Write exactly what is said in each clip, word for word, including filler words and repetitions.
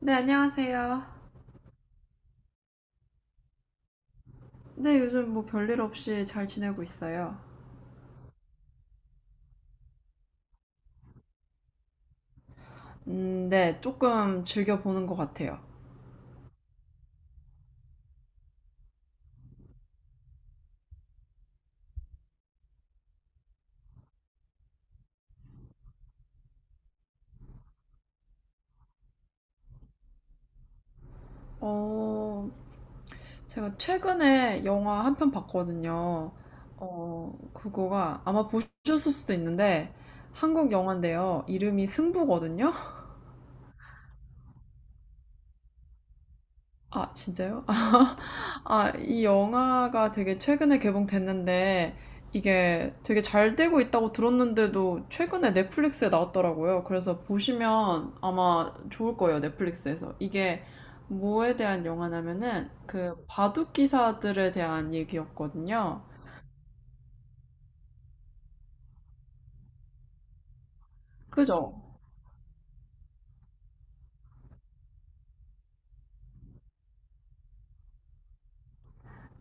네, 안녕하세요. 네, 요즘 뭐 별일 없이 잘 지내고 있어요. 음, 네, 조금 즐겨보는 것 같아요. 어, 제가 최근에 영화 한 편 봤거든요. 어, 그거가 아마 보셨을 수도 있는데, 한국 영화인데요. 이름이 승부거든요? 아 진짜요? 아, 이 영화가 되게 최근에 개봉됐는데 이게 되게 잘 되고 있다고 들었는데도 최근에 넷플릭스에 나왔더라고요. 그래서 보시면 아마 좋을 거예요, 넷플릭스에서. 이게 뭐에 대한 영화냐면은 그 바둑 기사들에 대한 얘기였거든요. 그죠?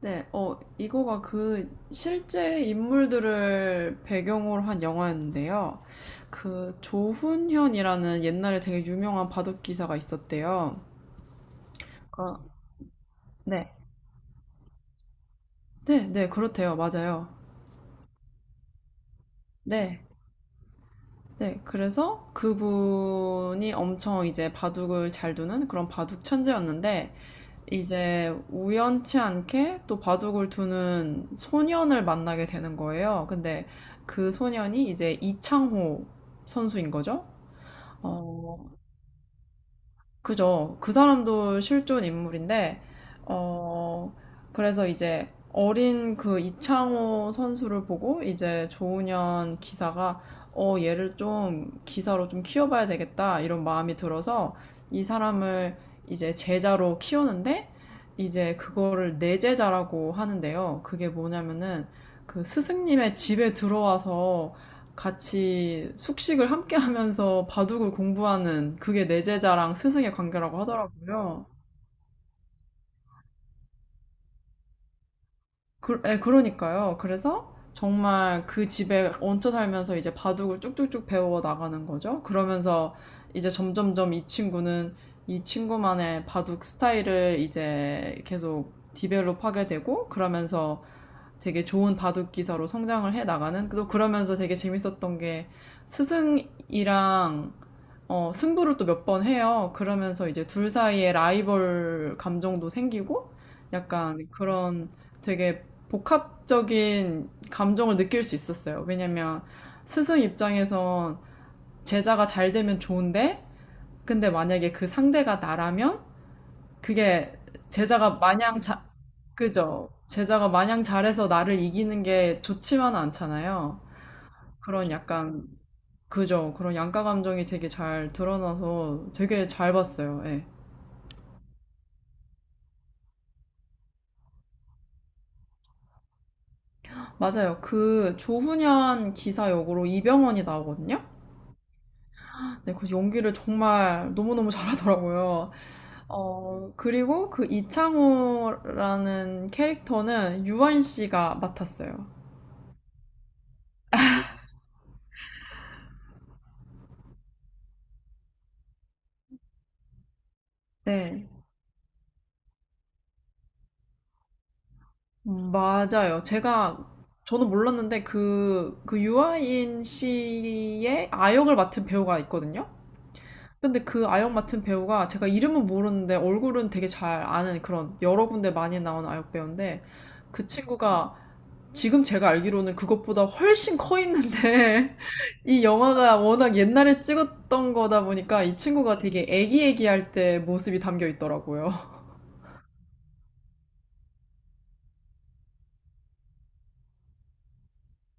네, 어, 이거가 그 실제 인물들을 배경으로 한 영화였는데요. 그 조훈현이라는 옛날에 되게 유명한 바둑 기사가 있었대요. 어, 네. 네, 네, 그렇대요. 맞아요. 네. 네, 그래서 그분이 엄청 이제 바둑을 잘 두는 그런 바둑 천재였는데 이제 우연치 않게 또 바둑을 두는 소년을 만나게 되는 거예요. 근데 그 소년이 이제 이창호 선수인 거죠. 어, 그죠. 그 사람도 실존 인물인데, 어, 그래서 이제 어린 그 이창호 선수를 보고 이제 조훈현 기사가 어, 얘를 좀 기사로 좀 키워봐야 되겠다 이런 마음이 들어서 이 사람을 이제 제자로 키우는데 이제 그거를 내 제자라고 하는데요. 그게 뭐냐면은 그 스승님의 집에 들어와서 같이 숙식을 함께 하면서 바둑을 공부하는 그게 내 제자랑 스승의 관계라고 하더라고요. 그, 예, 그러니까요. 그래서 정말 그 집에 얹혀 살면서 이제 바둑을 쭉쭉쭉 배워 나가는 거죠. 그러면서 이제 점점점 이 친구는 이 친구만의 바둑 스타일을 이제 계속 디벨롭 하게 되고 그러면서 되게 좋은 바둑 기사로 성장을 해 나가는 또 그러면서 되게 재밌었던 게 스승이랑 어, 승부를 또 몇 번 해요. 그러면서 이제 둘 사이에 라이벌 감정도 생기고 약간 그런 되게 복합적인 감정을 느낄 수 있었어요. 왜냐면 스승 입장에선 제자가 잘 되면 좋은데 근데 만약에 그 상대가 나라면 그게 제자가 마냥 자, 그죠? 제자가 마냥 잘해서 나를 이기는 게 좋지만은 않잖아요. 그런 약간, 그죠? 그런 양가 감정이 되게 잘 드러나서 되게 잘 봤어요. 예. 맞아요. 그 조훈현 기사 역으로 이병헌이 나오거든요? 네, 그 연기를 정말 너무너무 잘하더라고요. 어, 그리고 그 이창호라는 캐릭터는 유한 씨가 맡았어요. 네. 음, 맞아요. 제가 저는 몰랐는데 그, 그 유아인 씨의 아역을 맡은 배우가 있거든요. 근데 그 아역 맡은 배우가 제가 이름은 모르는데 얼굴은 되게 잘 아는 그런 여러 군데 많이 나온 아역 배우인데 그 친구가 지금 제가 알기로는 그것보다 훨씬 커 있는데 이 영화가 워낙 옛날에 찍었던 거다 보니까 이 친구가 되게 애기애기할 때 모습이 담겨 있더라고요.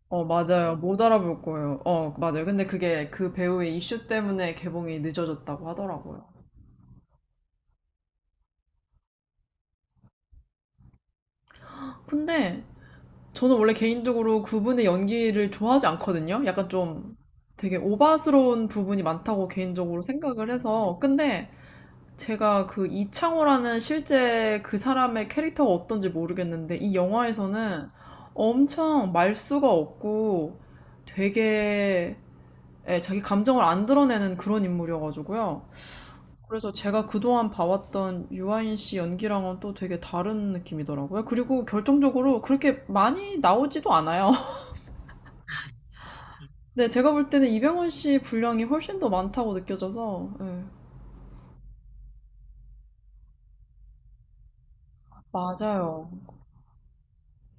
어, 맞아요. 못 알아볼 거예요. 어, 맞아요. 근데 그게 그 배우의 이슈 때문에 개봉이 늦어졌다고 하더라고요. 근데 저는 원래 개인적으로 그분의 연기를 좋아하지 않거든요. 약간 좀 되게 오바스러운 부분이 많다고 개인적으로 생각을 해서. 근데 제가 그 이창호라는 실제 그 사람의 캐릭터가 어떤지 모르겠는데 이 영화에서는 엄청 말수가 없고 되게 예, 자기 감정을 안 드러내는 그런 인물이어가지고요. 그래서 제가 그동안 봐왔던 유아인 씨 연기랑은 또 되게 다른 느낌이더라고요. 그리고 결정적으로 그렇게 많이 나오지도 않아요. 네, 제가 볼 때는 이병헌 씨 분량이 훨씬 더 많다고 느껴져서, 예, 맞아요.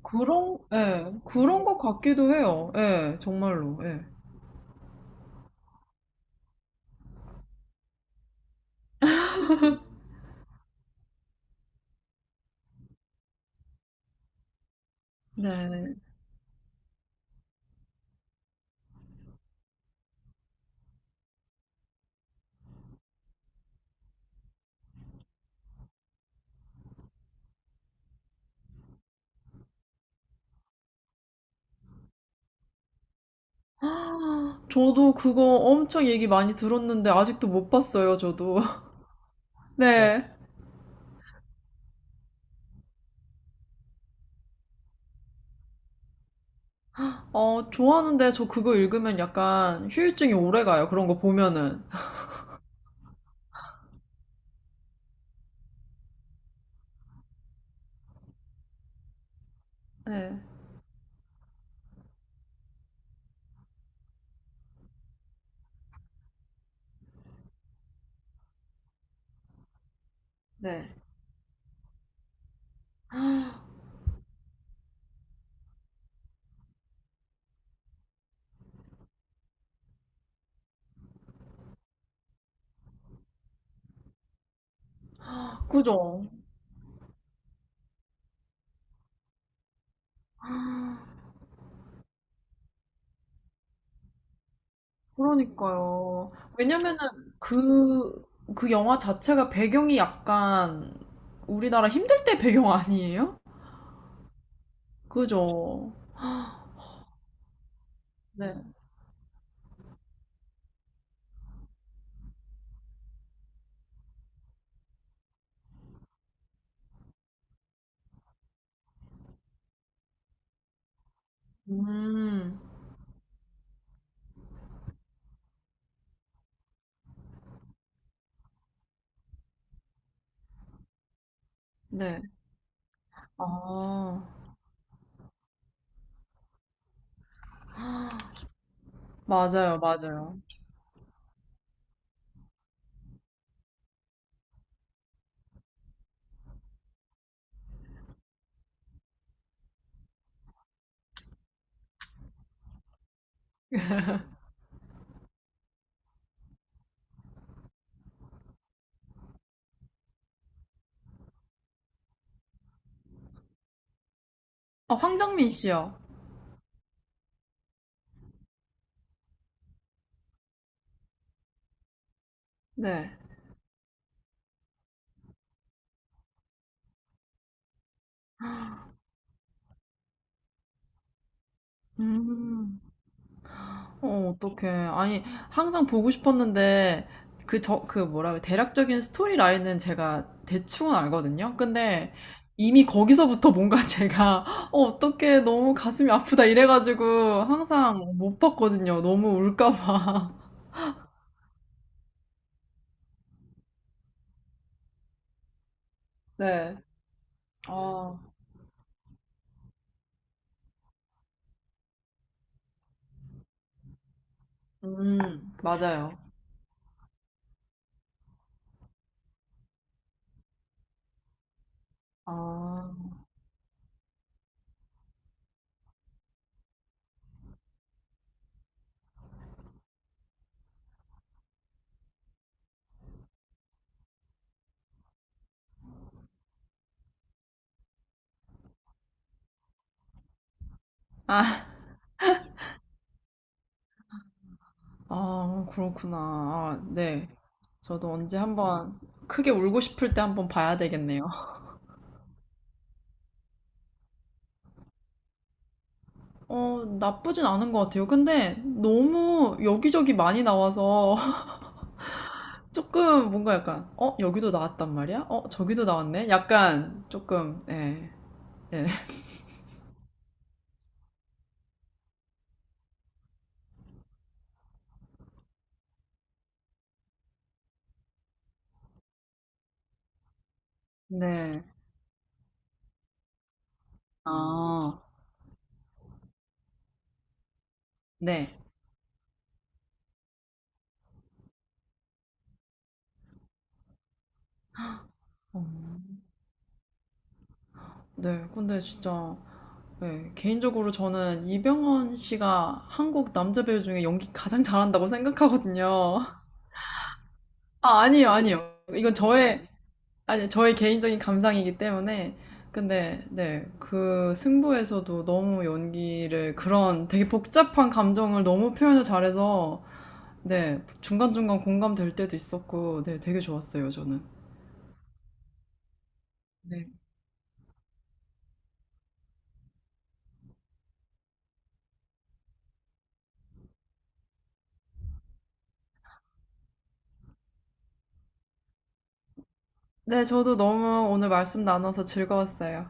그런, 예, 그런 것 같기도 해요. 예, 정말로, 예. 네. 아, 저도 그거 엄청 얘기 많이 들었는데 아직도 못 봤어요, 저도. 네. 어, 좋아하는데 저 그거 읽으면 약간 휴유증이 오래 가요. 그런 거 보면은. 네. 네. 그죠? 그러니까요. 왜냐면은 그, 그 영화 자체가 배경이 약간 우리나라 힘들 때 배경 아니에요? 그죠? 네. 음, 네. 아, 맞아요, 맞아요. 아, 황정민 씨요. 네. 음. 어, 어떡해. 아니, 항상 보고 싶었는데, 그, 저, 그 뭐라 그래, 대략적인 스토리 라인은 제가 대충은 알거든요. 근데 이미 거기서부터 뭔가 제가, 어, 어떡해, 너무 가슴이 아프다 이래가지고 항상 못 봤거든요. 너무 울까봐. 네. 아, 음, 맞아요. 아, 아, 아, 그렇구나. 아, 네. 저도 언제 한번 크게 울고 싶을 때 한번 봐야 되겠네요. 어, 나쁘진 않은 것 같아요. 근데 너무 여기저기 많이 나와서 조금 뭔가 약간, 어, 여기도 나왔단 말이야? 어, 저기도 나왔네? 약간 조금, 예, 예. 네. 아, 네. 음, 네. 근데 진짜, 예, 개인적으로 저는 이병헌 씨가 한국 남자 배우 중에 연기 가장 잘한다고 생각하거든요. 아, 아니에요, 아니에요. 이건 저의, 아니, 저의 개인적인 감상이기 때문에. 근데, 네, 그 승부에서도 너무 연기를, 그런 되게 복잡한 감정을 너무 표현을 잘해서, 네, 중간중간 공감될 때도 있었고, 네, 되게 좋았어요, 저는. 네. 네, 저도 너무 오늘 말씀 나눠서 즐거웠어요.